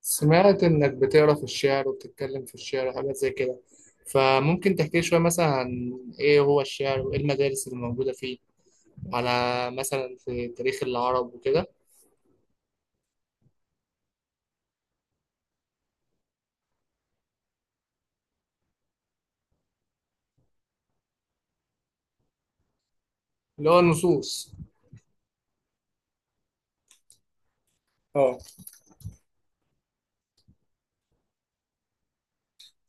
سمعت إنك بتقرا في الشعر وبتتكلم في الشعر وحاجات زي كده، فممكن تحكي لي شوية مثلا عن إيه هو الشعر وإيه المدارس اللي موجودة فيه، على مثلا في تاريخ العرب وكده. اللي هو النصوص. اه،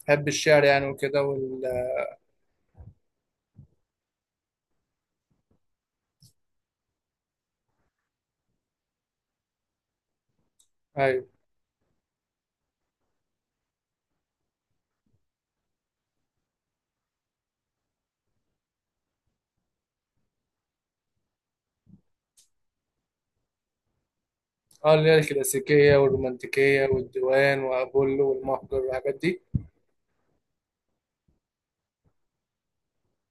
بحب الشعر يعني وكده وال... أيوة. اه، اللي هي الكلاسيكية والرومانتيكية والديوان وأبولو والمهجر والحاجات دي.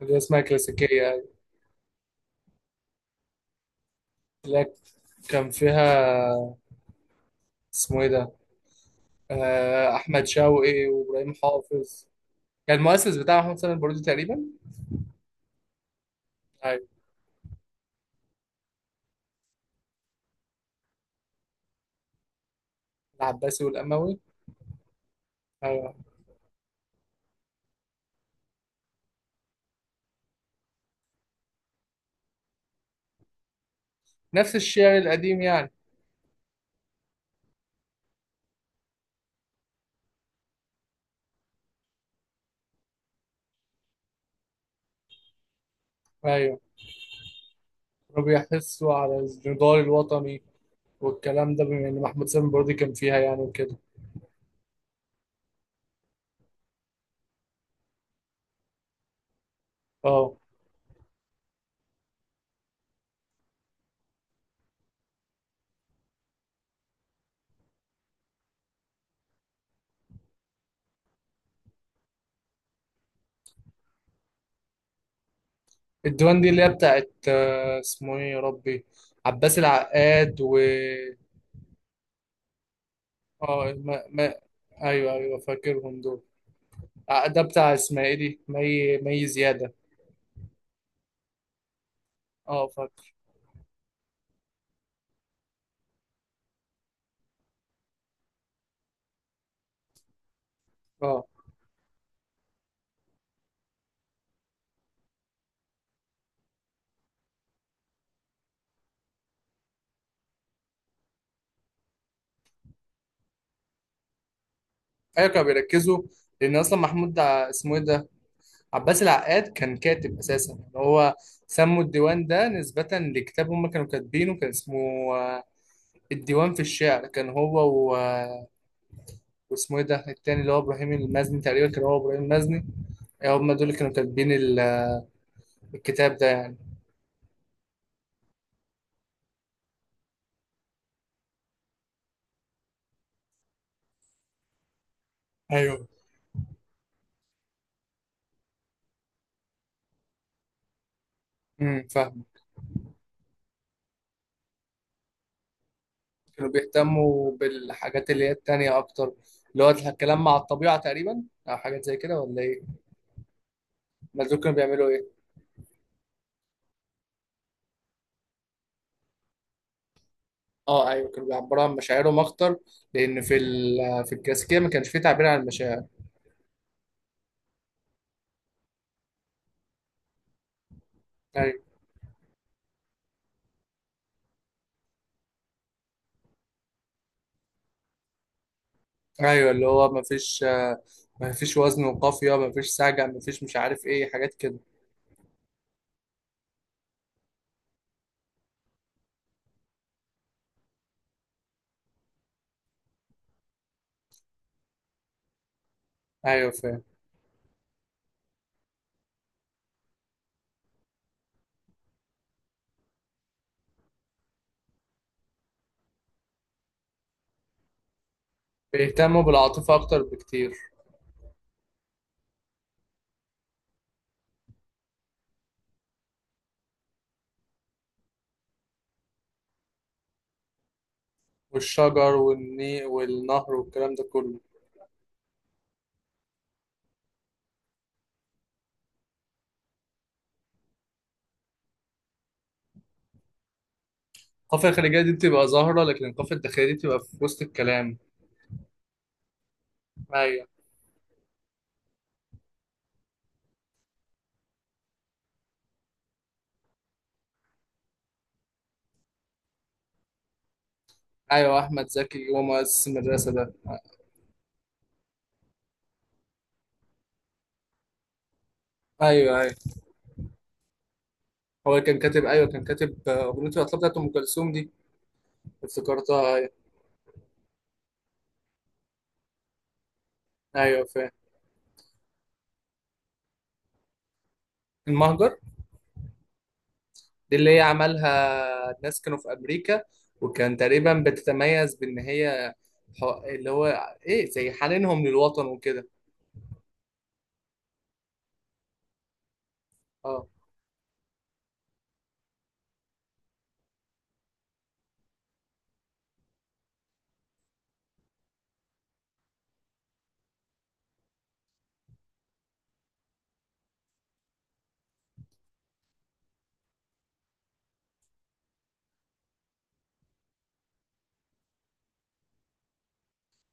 اللي هي اسمها كلاسيكية، أيوة. اللي كان فيها اسمه إيه ده، أحمد شوقي وإبراهيم حافظ. كان المؤسس بتاعه محمد سلام البارودي تقريبا. ايوه، العباسي والاموي. ايوه، نفس الشعر القديم يعني. ايوه، كانوا بيحسوا على النضال الوطني والكلام ده، بما ان محمد سلام البارودي كان فيها يعني وكده. اه، الديوان دي اللي هي بتاعت اسمه ايه يا ربي، عباس العقاد و... اه، ما... ما... ايوه ايوه، فاكرهم دول. ده بتاع اسمها ايه دي، مي زياده. اه فاكر. اه ايوه، كانوا بيركزوا. لان اصلا محمود ده اسمه ايه ده، عباس العقاد كان كاتب اساسا يعني هو. سموا الديوان ده نسبة لكتاب هم كانوا كاتبينه، كان اسمه آه، الديوان في الشعر كان هو، و... آه، واسمه ايه ده التاني، اللي هو ابراهيم المزني تقريبا، كان هو ابراهيم المزني. هم دول اللي كانوا كاتبين الكتاب ده يعني. ايوه. فاهم. كانوا بيهتموا بالحاجات اللي هي التانية اكتر. اللي هو الكلام مع الطبيعة تقريبا او حاجات زي كده ولا ايه؟ ما دول كانوا بيعملوا ايه؟ اه ايوه، كانوا بيعبروا عن مشاعرهم اكتر. لان في في الكلاسيكيه ما كانش فيه تعبير عن المشاعر. ايوه. ايوه اللي هو ما فيش، ما فيش وزن وقافيه، ما فيش سجع، ما فيش مش عارف ايه حاجات كده. ايوه فاهم. بيهتموا بالعاطفه اكتر بكتير. والشجر والني والنهر والكلام ده كله. القافيه الخارجيه دي بتبقى ظاهره، لكن القافيه الداخليه دي بتبقى في وسط الكلام. ايوه. ايوه، احمد زكي هو مؤسس المدرسه ده. ايوه ايوه، هو كان كاتب، ايوه كان كاتب اغنيه الاطلال بتاعت ام كلثوم دي. افتكرتها أيوة. ايوه فاهم. المهجر دي اللي هي عملها الناس كانوا في امريكا. وكان تقريبا بتتميز بان هي اللي هو ايه، زي حنينهم للوطن وكده. اه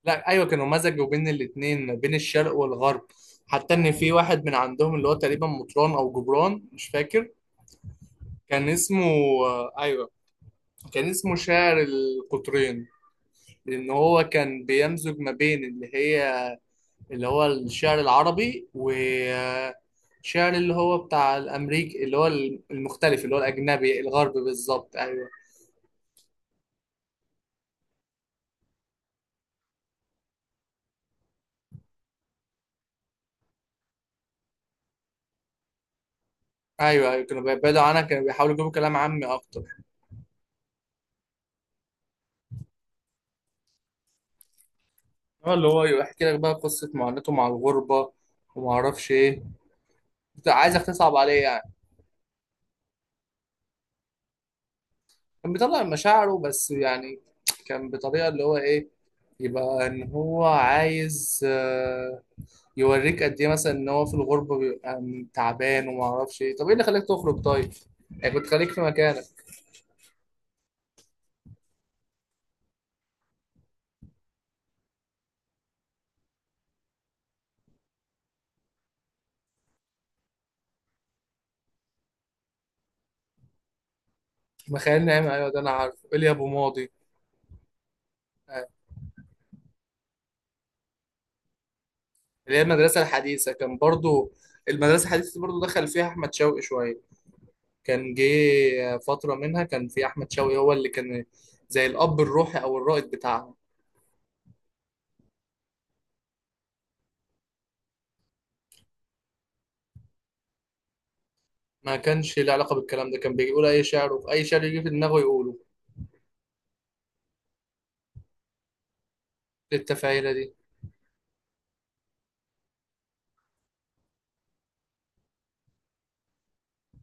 لا ايوه، كانوا مزجوا بين الاتنين، بين الشرق والغرب. حتى ان في واحد من عندهم اللي هو تقريبا مطران او جبران مش فاكر كان اسمه. ايوه، كان اسمه شاعر القطرين. لان هو كان بيمزج ما بين اللي هي، اللي هو الشعر العربي وشعر اللي هو بتاع الأمريكي، اللي هو المختلف، اللي هو الأجنبي الغربي بالظبط، أيوه. أيوه أيوه، كانوا بيبعدوا عنك، كانوا بيحاولوا يجيبوا كلام عامي أكتر. هو اللي هو يحكي لك بقى قصة معاناته مع الغربة وما أعرفش إيه. عايزك تصعب عليه يعني. كان بيطلع مشاعره بس يعني. كان بطريقة اللي هو إيه، يبقى إن هو عايز يوريك قد ايه مثلا ان هو في الغربه بيبقى تعبان وما اعرفش ايه، طب ايه اللي خلاك تخرج طيب، يعني كنت خليك في مكانك. مخيل نعيم، ايوه ده انا عارفه، ايليا ابو ماضي. آه، اللي هي المدرسه الحديثه كان برضو. المدرسه الحديثه دي برضو دخل فيها احمد شوقي شويه. كان جه فتره منها، كان في احمد شوقي هو اللي كان زي الاب الروحي او الرائد بتاعها. ما كانش له علاقه بالكلام ده، كان بيجي يقول اي شعر، وفي اي شعر يجي في دماغه يقوله. إيه التفاهيله دي؟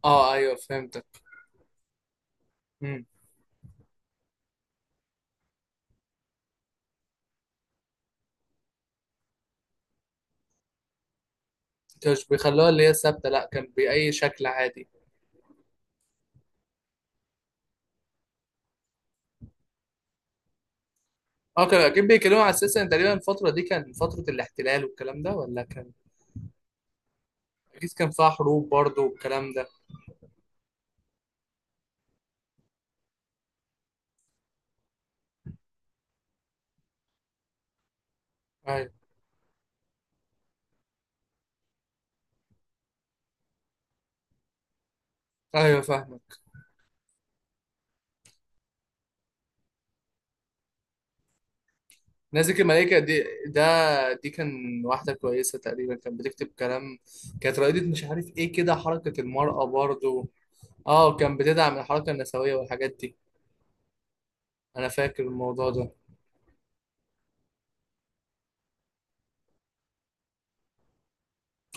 اه ايوه فهمتك. امم. كانش بيخلوها اللي هي ثابته، لا كان باي شكل عادي. اه كانوا اكيد بيتكلموا على اساس ان تقريبا الفتره دي كان فتره الاحتلال والكلام ده، ولا كان؟ اكيد كان فيها حروب برضه والكلام ده. ايوه. ايوه فاهمك. نازك الملائكه دي ده، دي كان، واحده كويسه تقريبا كانت بتكتب كلام. كانت رائده مش عارف ايه كده، حركه المراه برضه. اه كان بتدعم الحركه النسويه والحاجات دي. انا فاكر الموضوع ده.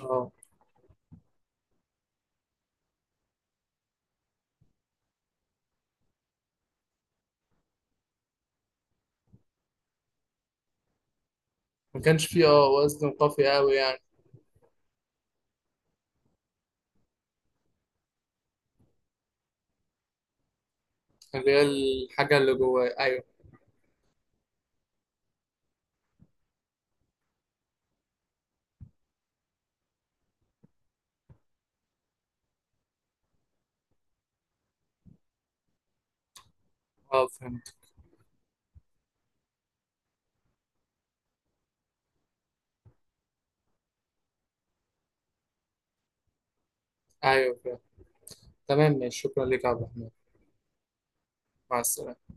اه ما كانش فيه اه وزن قافي قوي يعني. اللي هي الحاجه اللي جواه، ايوه. اه فهمت. ايوه فهمت. تمام ماشي، شكرا لك يا عبد الرحمن. مع السلامه.